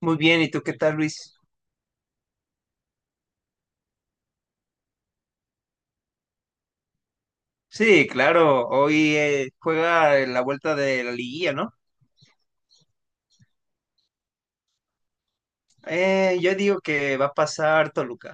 Muy bien, ¿y tú qué tal, Luis? Sí, claro, hoy juega la vuelta de la liguilla, ¿no? Yo digo que va a pasar Toluca.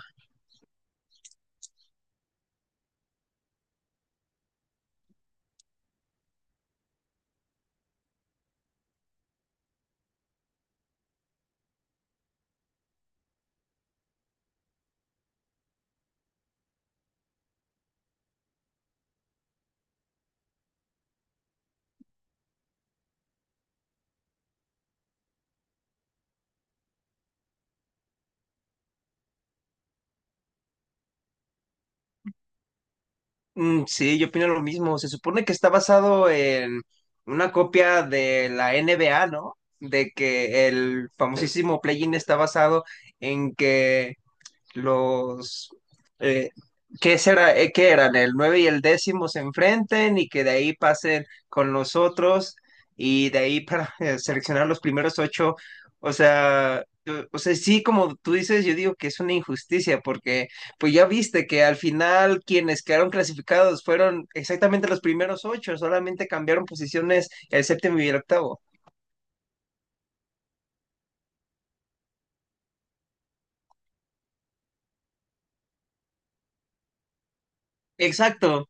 Mm, sí, yo opino lo mismo. Se supone que está basado en una copia de la NBA, ¿no? De que el famosísimo play-in está basado en que los eh, ¿qué será, qué eran? El nueve y el décimo se enfrenten y que de ahí pasen con los otros y de ahí para seleccionar los primeros ocho. O sea, sí, como tú dices, yo digo que es una injusticia porque pues ya viste que al final quienes quedaron clasificados fueron exactamente los primeros ocho, solamente cambiaron posiciones el séptimo y el octavo. Exacto.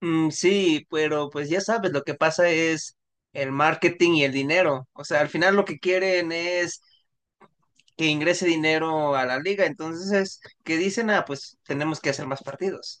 Mm, sí, pero pues ya sabes, lo que pasa es el marketing y el dinero. O sea, al final lo que quieren es que ingrese dinero a la liga. Entonces, ¿qué dicen? Ah, pues tenemos que hacer más partidos.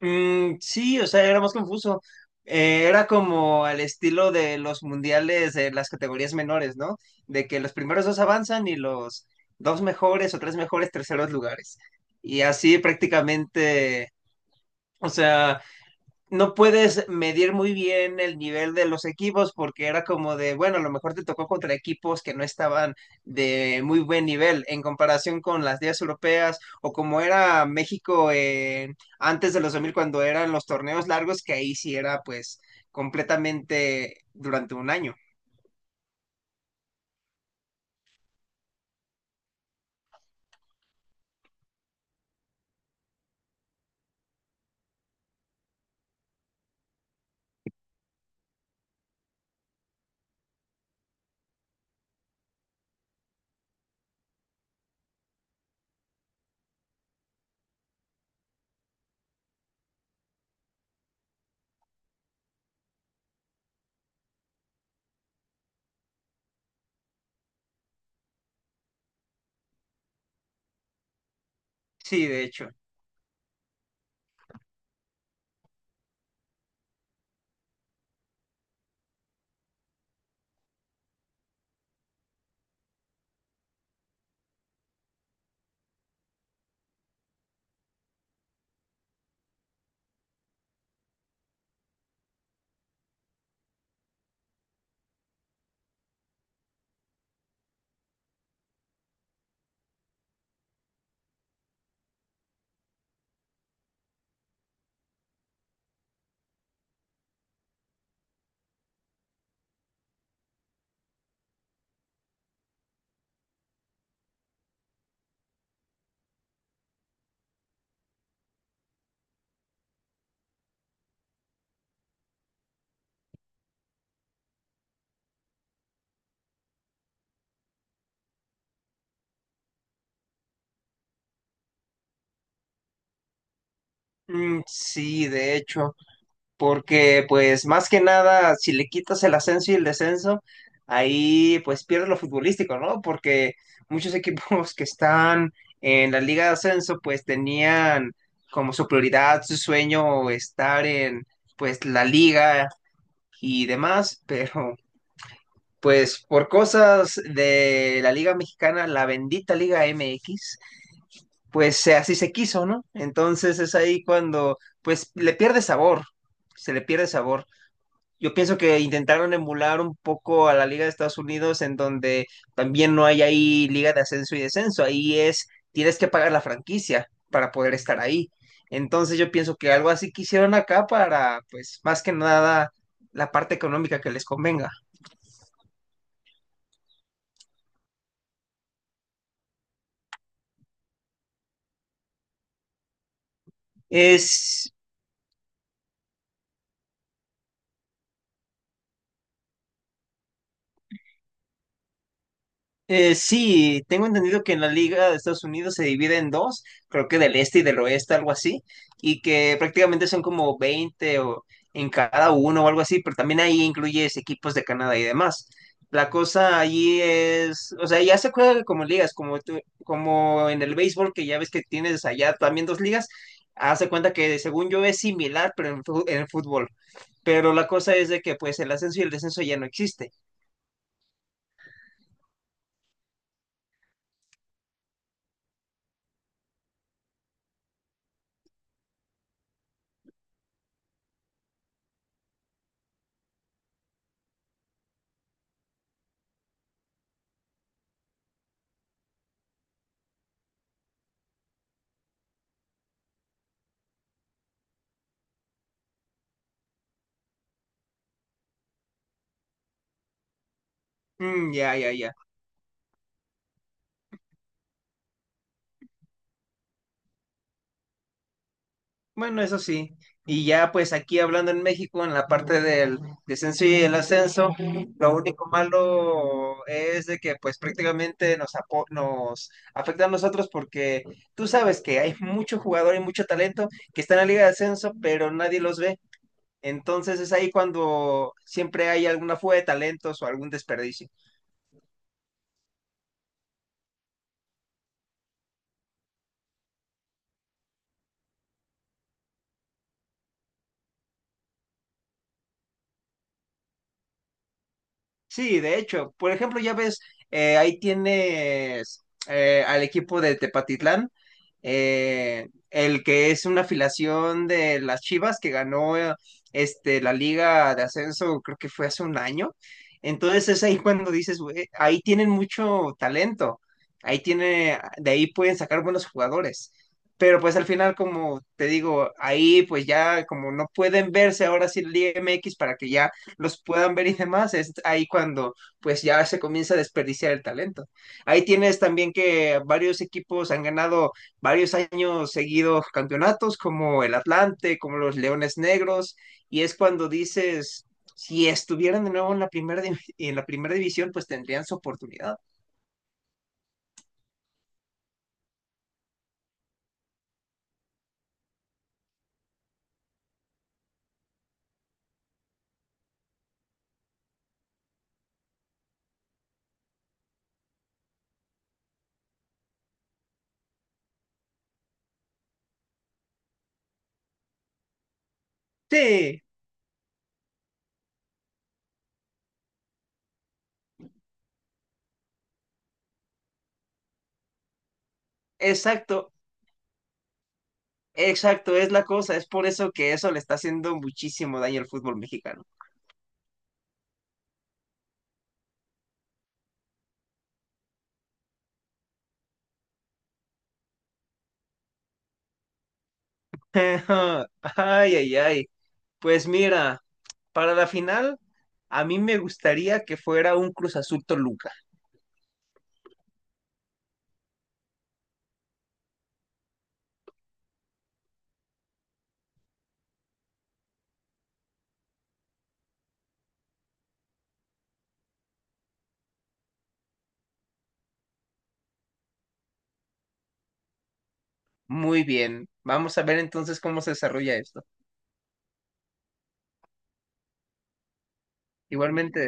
Mm, sí, o sea, era más confuso. Era como al estilo de los mundiales de las categorías menores, ¿no? De que los primeros dos avanzan y los dos mejores o tres mejores terceros lugares. Y así prácticamente, o sea, no puedes medir muy bien el nivel de los equipos porque era como de, bueno, a lo mejor te tocó contra equipos que no estaban de muy buen nivel en comparación con las ligas europeas o como era México antes de los 2000 cuando eran los torneos largos que ahí sí era pues completamente durante un año. Sí, de hecho. Mm, sí, de hecho, porque pues más que nada, si le quitas el ascenso y el descenso, ahí pues pierdes lo futbolístico, ¿no? Porque muchos equipos que están en la liga de ascenso pues tenían como su prioridad, su sueño estar en pues la liga y demás, pero pues por cosas de la liga mexicana, la bendita liga MX, pues así se quiso, ¿no? Entonces es ahí cuando pues le pierde sabor, se le pierde sabor. Yo pienso que intentaron emular un poco a la Liga de Estados Unidos, en donde también no hay ahí liga de ascenso y descenso. Ahí es, tienes que pagar la franquicia para poder estar ahí. Entonces yo pienso que algo así quisieron acá para, pues, más que nada, la parte económica que les convenga. Es, sí, tengo entendido que en la Liga de Estados Unidos se divide en dos, creo que del este y del oeste, algo así, y que prácticamente son como 20 o en cada uno o algo así, pero también ahí incluyes equipos de Canadá y demás. La cosa allí es, o sea, ya se juega como ligas, como, como en el béisbol, que ya ves que tienes allá también dos ligas, hace cuenta que según yo es similar, pero en, en el fútbol. Pero la cosa es de que pues el ascenso y el descenso ya no existe. Mm, ya, ya, ya. Bueno, eso sí. Y ya pues aquí hablando en México, en la parte del descenso y el ascenso, lo único malo es de que pues prácticamente nos, nos afecta a nosotros porque tú sabes que hay mucho jugador y mucho talento que está en la liga de ascenso, pero nadie los ve. Entonces es ahí cuando siempre hay alguna fuga de talentos o algún desperdicio. Sí, de hecho, por ejemplo, ya ves, ahí tienes al equipo de Tepatitlán, el que es una afiliación de las Chivas que ganó la Liga de Ascenso, creo que fue hace un año. Entonces es ahí cuando dices, "Güey, ahí tienen mucho talento, ahí tiene, de ahí pueden sacar buenos jugadores". Pero pues al final, como te digo, ahí pues ya como no pueden verse ahora sí la Liga MX para que ya los puedan ver y demás, es ahí cuando pues ya se comienza a desperdiciar el talento. Ahí tienes también que varios equipos han ganado varios años seguidos campeonatos, como el Atlante, como los Leones Negros, y es cuando dices, si estuvieran de nuevo en la primera, en la primera división, pues tendrían su oportunidad. Sí, exacto. Exacto, es la cosa, es por eso que eso le está haciendo muchísimo daño al fútbol mexicano. Ay, ay, ay. Pues mira, para la final, a mí me gustaría que fuera un Cruz Azul Toluca. Muy bien. Vamos a ver entonces cómo se desarrolla esto. Igualmente.